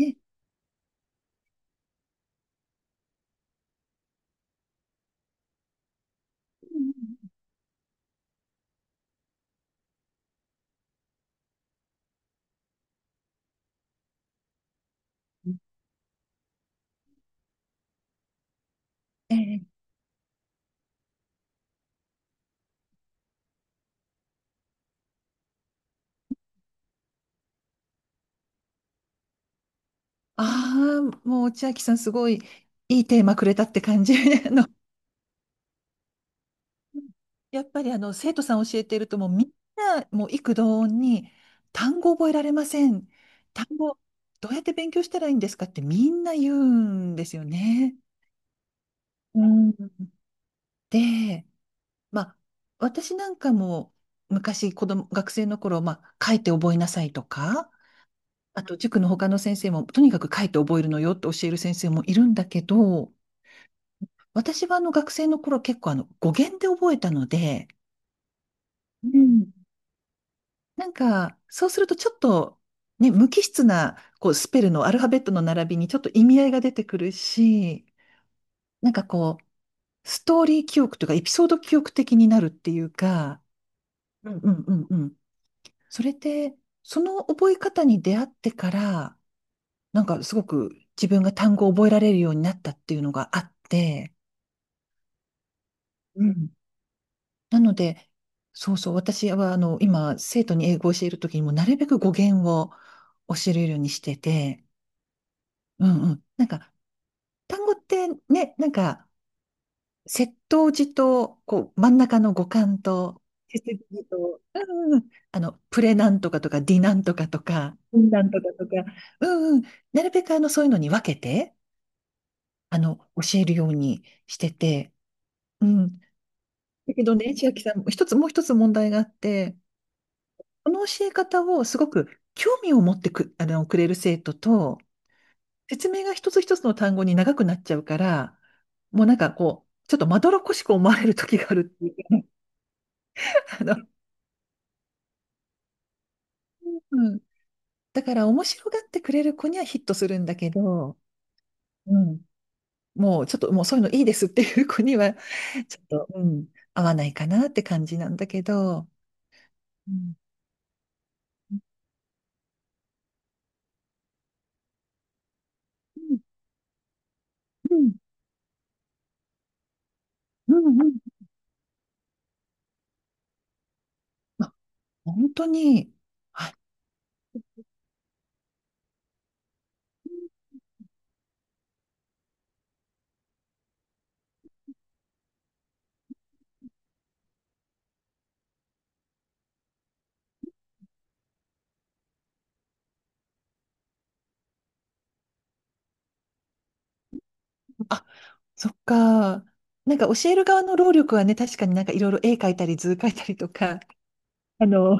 えええああー、もう千秋さん、すごいいいテーマくれたって感じ。あの、やっぱり生徒さん教えてると、もうみんな、もう幾度に単語覚えられません。単語どうやって勉強したらいいんですかって、みんな言うんですよね。うん。で、まあ私なんかも昔子供、学生の頃、まあ書いて覚えなさいとか、あと塾の他の先生も、とにかく書いて覚えるのよって教える先生もいるんだけど、私は学生の頃結構語源で覚えたので、うん。なんか、そうするとちょっとね、無機質な、こう、スペルのアルファベットの並びにちょっと意味合いが出てくるし、なんかこう、ストーリー記憶というか、エピソード記憶的になるっていうか、うんうんうんうん。それで、その覚え方に出会ってから、なんかすごく自分が単語を覚えられるようになったっていうのがあって、うん。なので、そうそう、私は今、生徒に英語を教えるときにも、なるべく語源を教えるようにしてて、うんうん。なんか、単語ってね、なんか、接頭辞と、こう、真ん中の語幹と、接続辞と、うんうんうん、プレなんとかとか、ディなんとかとか、うんなんとかとか、うんうん、なるべくそういうのに分けて、教えるようにしてて、うん。だけどね、千秋さん、もう一つ問題があって、この教え方をすごく興味を持ってく、あの、くれる生徒と、説明が一つ一つの単語に長くなっちゃうから、もうなんかこう、ちょっとまどろっこしく思われる時があるっていうか。うん。だから面白がってくれる子にはヒットするんだけど、うん。もうちょっともうそういうのいいですっていう子には、ちょっと、うん、合わないかなって感じなんだけど、うん。うん。うん。うん。うん、本当に。はい。あ、そっか。なんか教える側の労力はね、確かになんかいろいろ絵描いたり図描いたりとか、あの、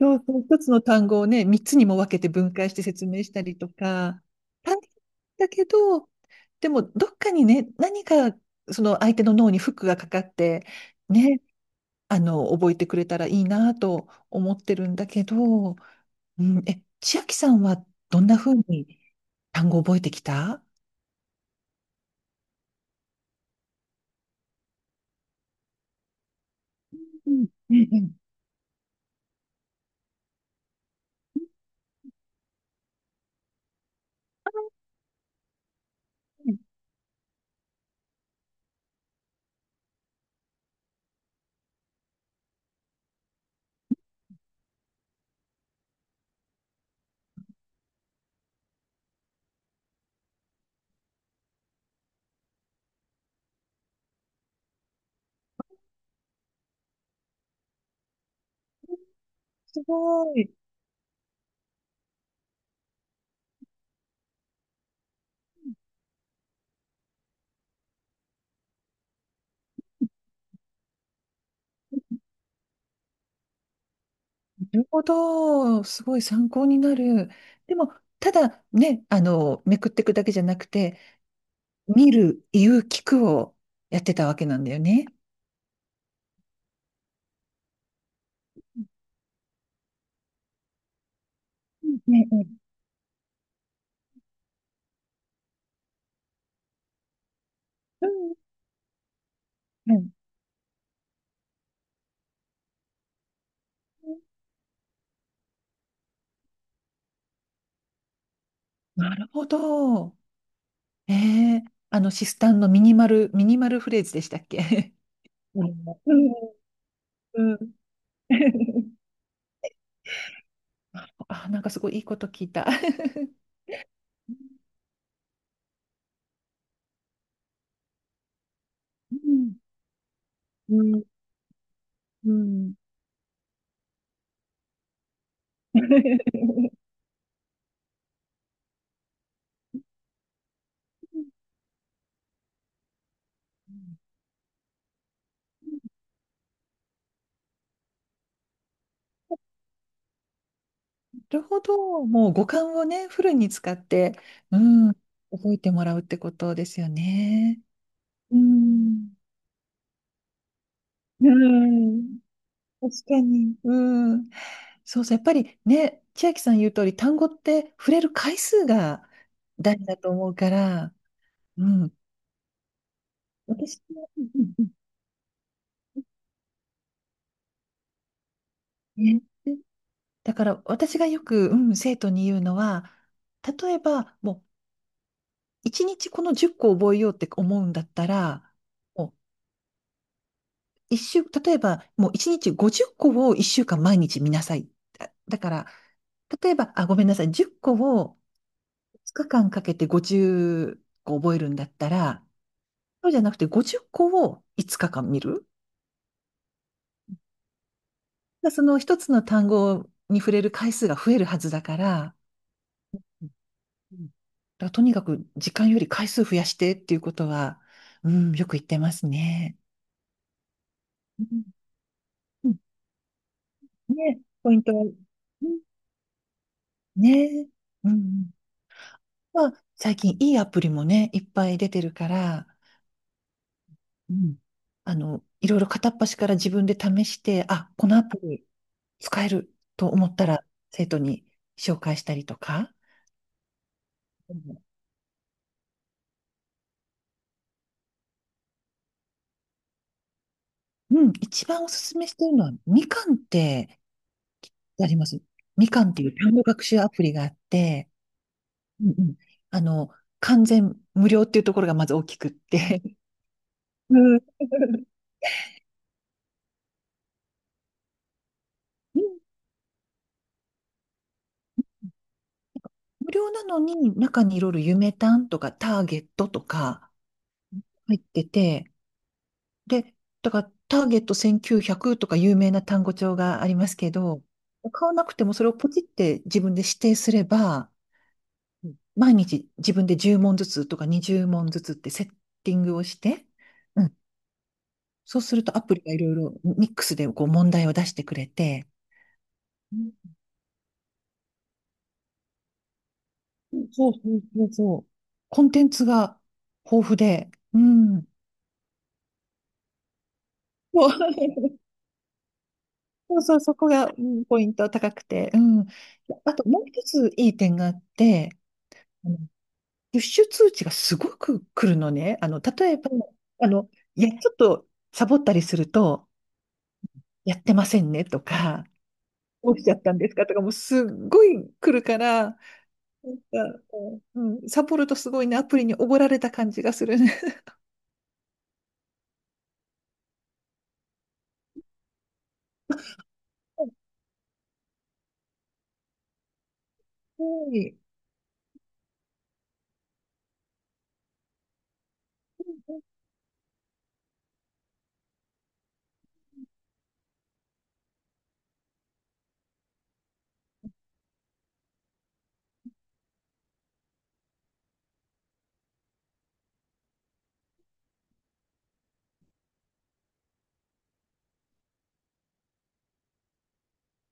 そうそう、一つの単語をね、三つにも分けて分解して説明したりとか、大変だけど、でもどっかにね、何かその相手の脳にフックがかかって、ね、覚えてくれたらいいなと思ってるんだけど、うん、千秋さんはどんな風に単語を覚えてきた。うんうんうん。すごい。なるほど。すごい参考になる。でも、ただね、めくっていくだけじゃなくて、見る、言う、聞くをやってたわけなんだよね。うんね。うんうん。うん、なるほど。ええシスタンのミニマルフレーズでしたっけ？ うんうんうん あ、なんかすごいいいこと聞いた。うんうんうん なるほど。もう五感をね、フルに使って、うん、覚えてもらうってことですよね。うん。うん。確かに。うん。そうそう。やっぱりね、千秋さん言う通り、単語って触れる回数が大事だと思うから、うん。私も、うんうんうんね。だから私がよく、うん、生徒に言うのは、例えば、もう、一日この10個覚えようって思うんだったら、もう一週、例えば、もう一日50個を一週間毎日見なさい。だから、例えば、あ、ごめんなさい、10個を2日間かけて50個覚えるんだったら、そうじゃなくて50個を5日間見る。その一つの単語に触れる回数が増えるはずだから、うん。だからとにかく時間より回数増やしてっていうことは、うん、よく言ってますね。うん。うんね、ポイントは。うんね。うんうん。まあ、最近いいアプリもね、いっぱい出てるから、うん。いろいろ片っ端から自分で試して、あ、このアプリ使えると思ったら、生徒に紹介したりとか。うんうん、一番おすすめしてるのは、みかんってあります。みかんっていう単語学習アプリがあって、うんうん、あの、完全無料っていうところがまず大きくって。うんうん。無料なのに、中にいろいろ夢単とかターゲットとか入ってて、で、だからターゲット1900とか有名な単語帳がありますけど、買わなくてもそれをポチって自分で指定すれば、うん、毎日自分で10問ずつとか20問ずつってセッティングをして、うん、そうするとアプリがいろいろミックスでこう問題を出してくれて、うん、そうそうそうそう。コンテンツが豊富で、うん。そうそうそう、そこが、うん、ポイント高くて。うん。あともう一ついい点があって、あのプッシュ通知がすごく来るのね。例えば、あの、いや、ちょっとサボったりすると、やってませんねとか、どうしちゃったんですかとか、もうすっごい来るから、なんか、こううん、サボるとすごいね、アプリにおごられた感じがするね。はい。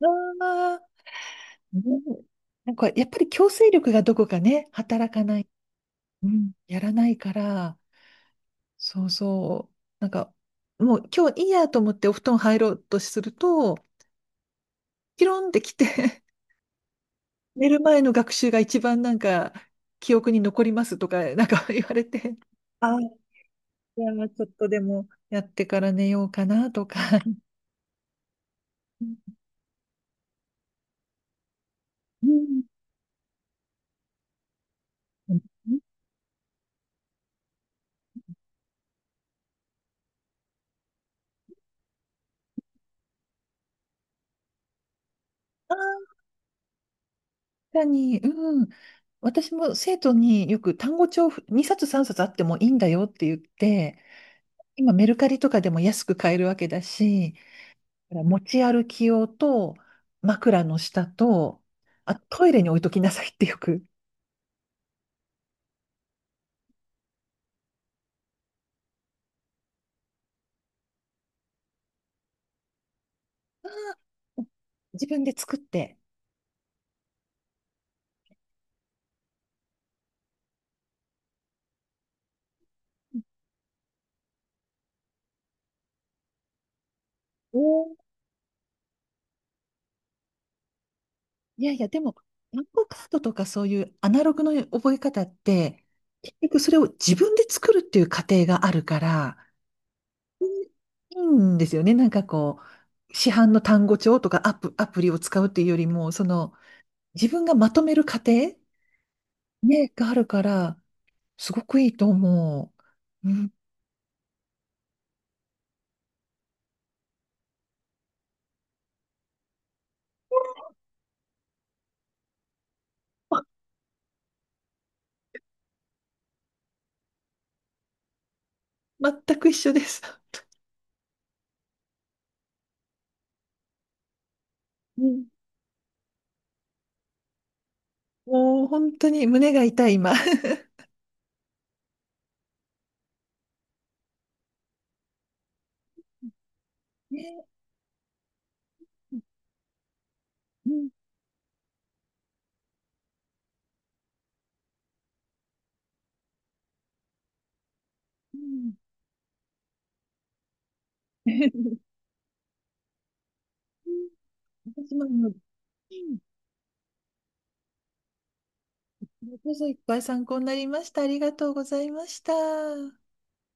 ああ、ね、なんかやっぱり強制力がどこかね、働かない、うん、やらないから、そうそう。なんか、もう今日いいやと思ってお布団入ろうとすると、ピロンって来て 寝る前の学習が一番なんか、記憶に残りますとか、なんか 言われて、ああ、じゃあちょっとでもやってから寝ようかなとか。うん。ああ、確かに、うん。私も生徒によく、単語帳2冊3冊あってもいいんだよって言って、今メルカリとかでも安く買えるわけだし、持ち歩き用と、枕の下と、あ、トイレに置いときなさいってよく。自分で作って。おー、いやいや、でも、暗号カードとかそういうアナログの覚え方って、結局それを自分で作るっていう過程があるから、いいんですよね。なんかこう、市販の単語帳とかアプリを使うっていうよりも、その、自分がまとめる過程、ね、があるから、すごくいいと思う。うん。全く一緒です。うん。もう本当に胸が痛い、今。ね。うん。うん。私も、うん、これこそいっぱい参考になりました。ありがとうございました。